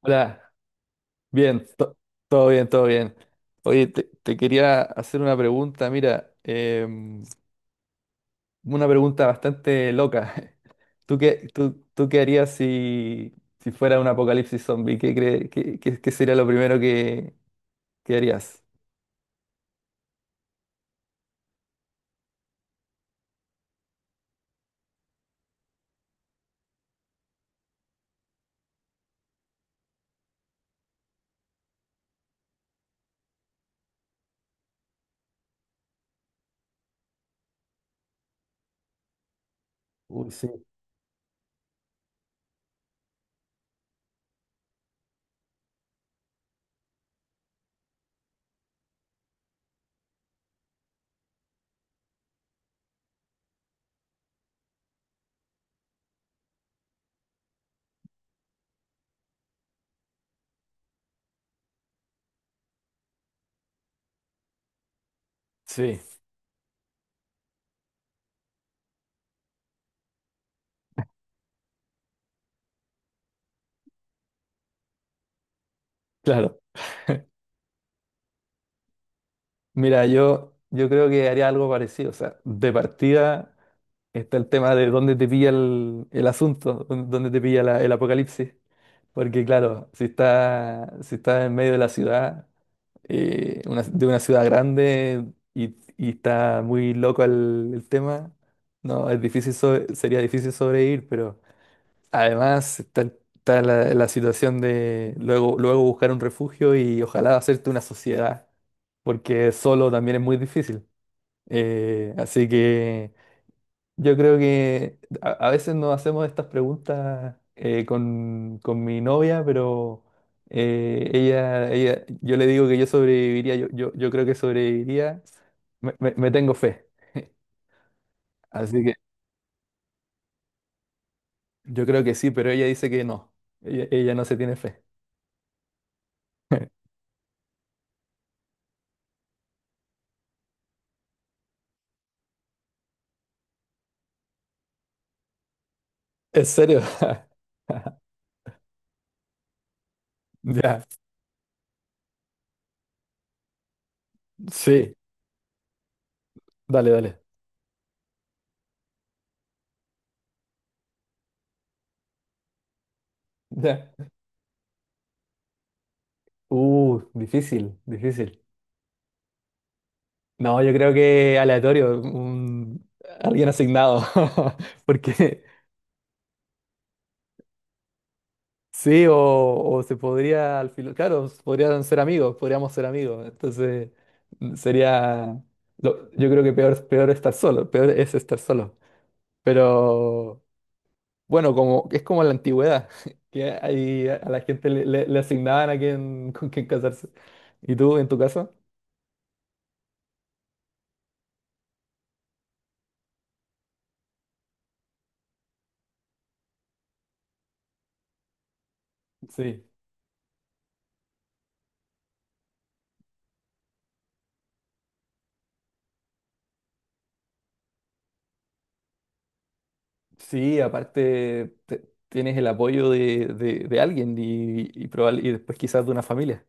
Hola, bien, todo bien, todo bien. Oye, te quería hacer una pregunta, mira, una pregunta bastante loca. ¿Tú qué harías si fuera un apocalipsis zombie? ¿Qué, cre- qué, qué- qué sería lo primero que harías? Uy, sí. Sí, claro. Mira, yo creo que haría algo parecido. O sea, de partida está el tema de dónde te pilla el asunto, dónde te pilla el apocalipsis. Porque claro, si está en medio de la ciudad, de una ciudad grande, y está muy loco el tema. No, sería difícil sobrevivir, pero además está la situación de luego, luego buscar un refugio y ojalá hacerte una sociedad, porque solo también es muy difícil. Así que... Yo creo que a veces nos hacemos estas preguntas, con mi novia, pero yo le digo que yo sobreviviría, yo creo que sobreviviría, me tengo fe. Así que yo creo que sí, pero ella dice que no, ella no se tiene fe. ¿En serio? Ya, sí, dale, dale. Ya. Difícil, difícil. No, yo creo que aleatorio, alguien asignado. Porque... Sí, o se podría, al final, claro, podrían ser amigos, podríamos ser amigos. Entonces, sería, yo creo que peor, peor estar solo, peor es estar solo. Pero bueno, como es como en la antigüedad, que ahí a la gente le asignaban a quién, con quién casarse. ¿Y tú, en tu caso? Sí, sí, aparte tienes el apoyo de alguien y después quizás de una familia.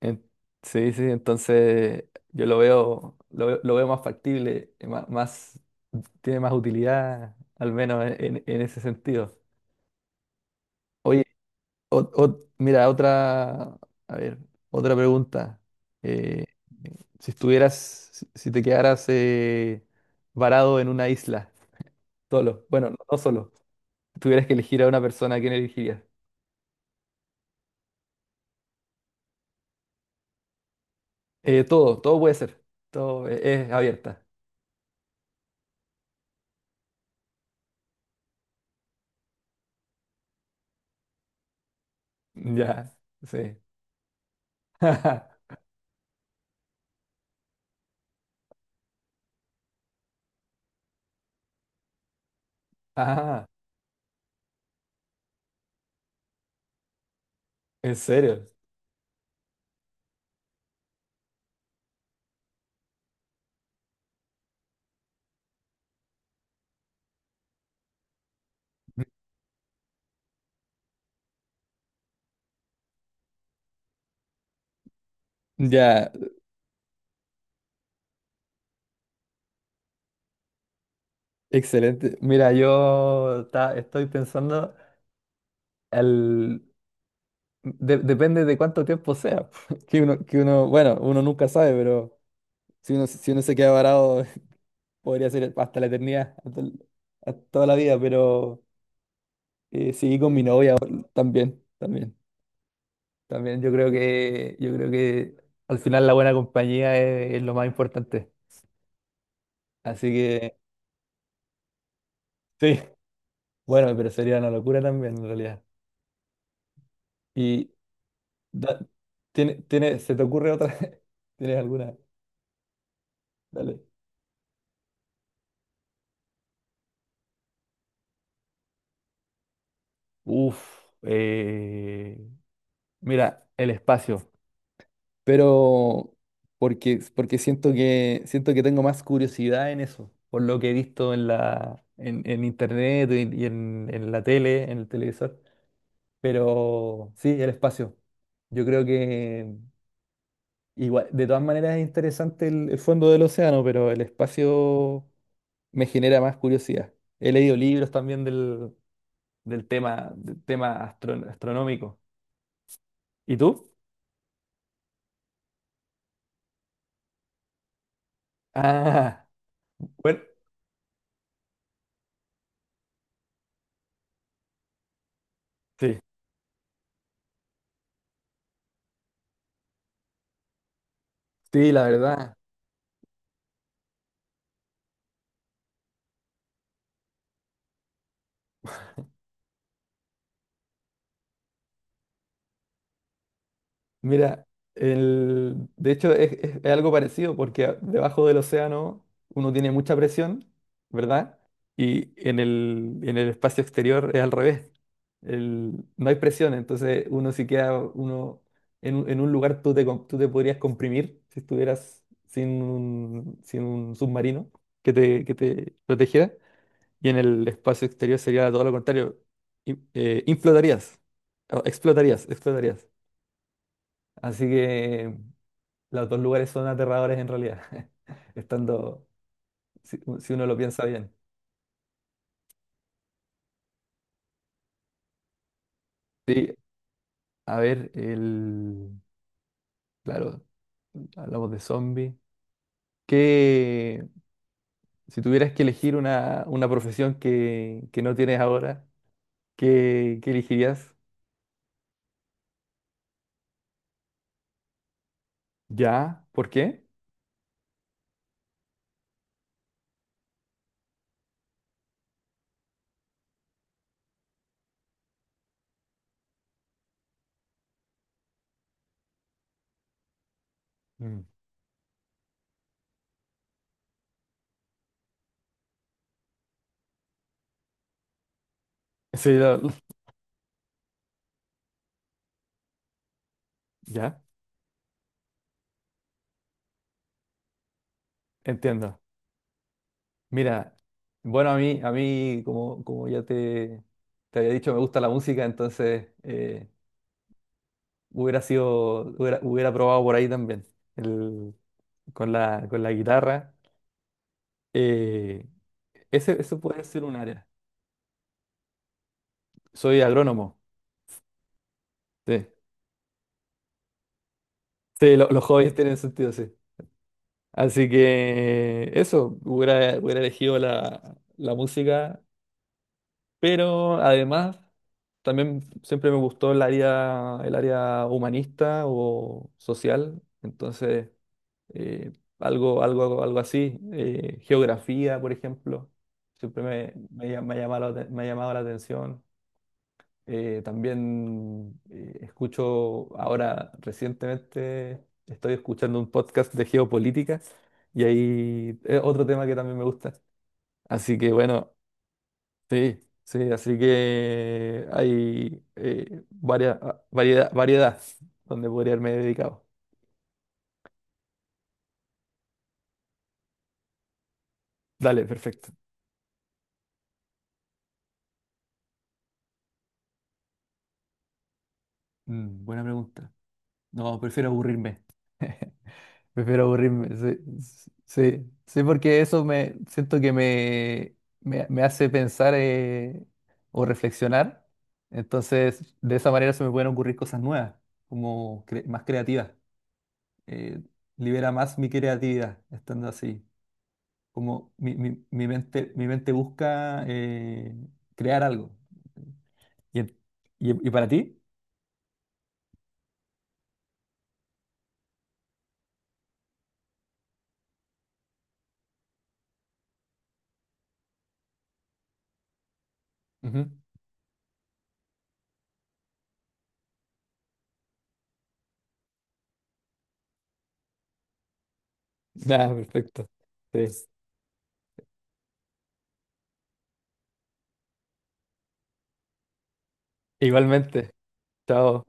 En- sí, sí, entonces yo lo veo más factible, más, tiene más utilidad, al menos en, en ese sentido. Oye, mira, otra, a ver, otra pregunta. Eh, si estuvieras, si, si te quedaras, varado en una isla, solo, bueno, no, no solo, tuvieras que elegir a una persona, ¿a quién elegirías? Todo, todo puede ser, todo es abierta. Ya, sí. Ah, ¿En serio? Ya, excelente. Mira, estoy pensando, el, depende de cuánto tiempo sea. Que uno, bueno, uno nunca sabe, pero si uno se queda varado, podría ser hasta la eternidad, hasta toda la vida, pero sí, con mi novia también, también, también. Yo creo que al final la buena compañía es lo más importante. Así que sí. Bueno, pero sería una locura también en realidad. Da- ¿Se te ocurre otra? ¿Tienes alguna? Dale. Uf, mira, el espacio. Pero porque siento que tengo más curiosidad en eso, por lo que he visto en internet y en la tele, en el televisor. Pero sí, el espacio. Yo creo que igual, de todas maneras es interesante el fondo del océano, pero el espacio me genera más curiosidad. He leído libros también astronómico. ¿Y tú? Ah, bueno, sí, sí, la verdad. Mira, de hecho es algo parecido porque, debajo del océano uno tiene mucha presión, ¿verdad? Y en el espacio exterior es al revés. No hay presión, entonces uno, si queda uno en un lugar, tú te podrías comprimir si estuvieras sin un submarino que te protegiera. Y en el espacio exterior sería todo lo contrario. Inflotarías, o explotarías, explotarías. Así que los dos lugares son aterradores en realidad, estando, si uno lo piensa bien. Sí, a ver, claro, hablamos de zombies. Que si tuvieras que elegir una profesión que no tienes ahora, ¿qué elegirías? ¿Ya? ¿Por qué? Mm. Sí, ya, entiendo. Mira, bueno, a mí como ya te había dicho, me gusta la música, entonces... hubiera probado por ahí también, el- con la guitarra. Eh, eso puede ser un área. Soy agrónomo, sí. Sí, los hobbies tienen sentido, sí. Así que eso, hubiera elegido la música, pero además también siempre me gustó el área humanista o social, entonces, eh, algo, algo, algo así. Geografía, por ejemplo, siempre me ha llamado me ha llamado la atención. También, escucho ahora, recientemente, estoy escuchando un podcast de geopolítica, y ahí es otro tema que también me gusta. Así que bueno, sí, sí, así que hay, variedad, variedad, donde podría haberme dedicado. Dale, perfecto. Buena pregunta. No, prefiero aburrirme. Prefiero aburrirme. Sí, sí, sí, porque eso, me siento que me hace pensar, o reflexionar. Entonces, de esa manera se me pueden ocurrir cosas nuevas, como más creativas. Eh, libera más mi creatividad estando así. Como mi mente busca, crear algo. ¿Y, en- y para ti? Ujú. Ah, perfecto. Sí. Igualmente. Chao.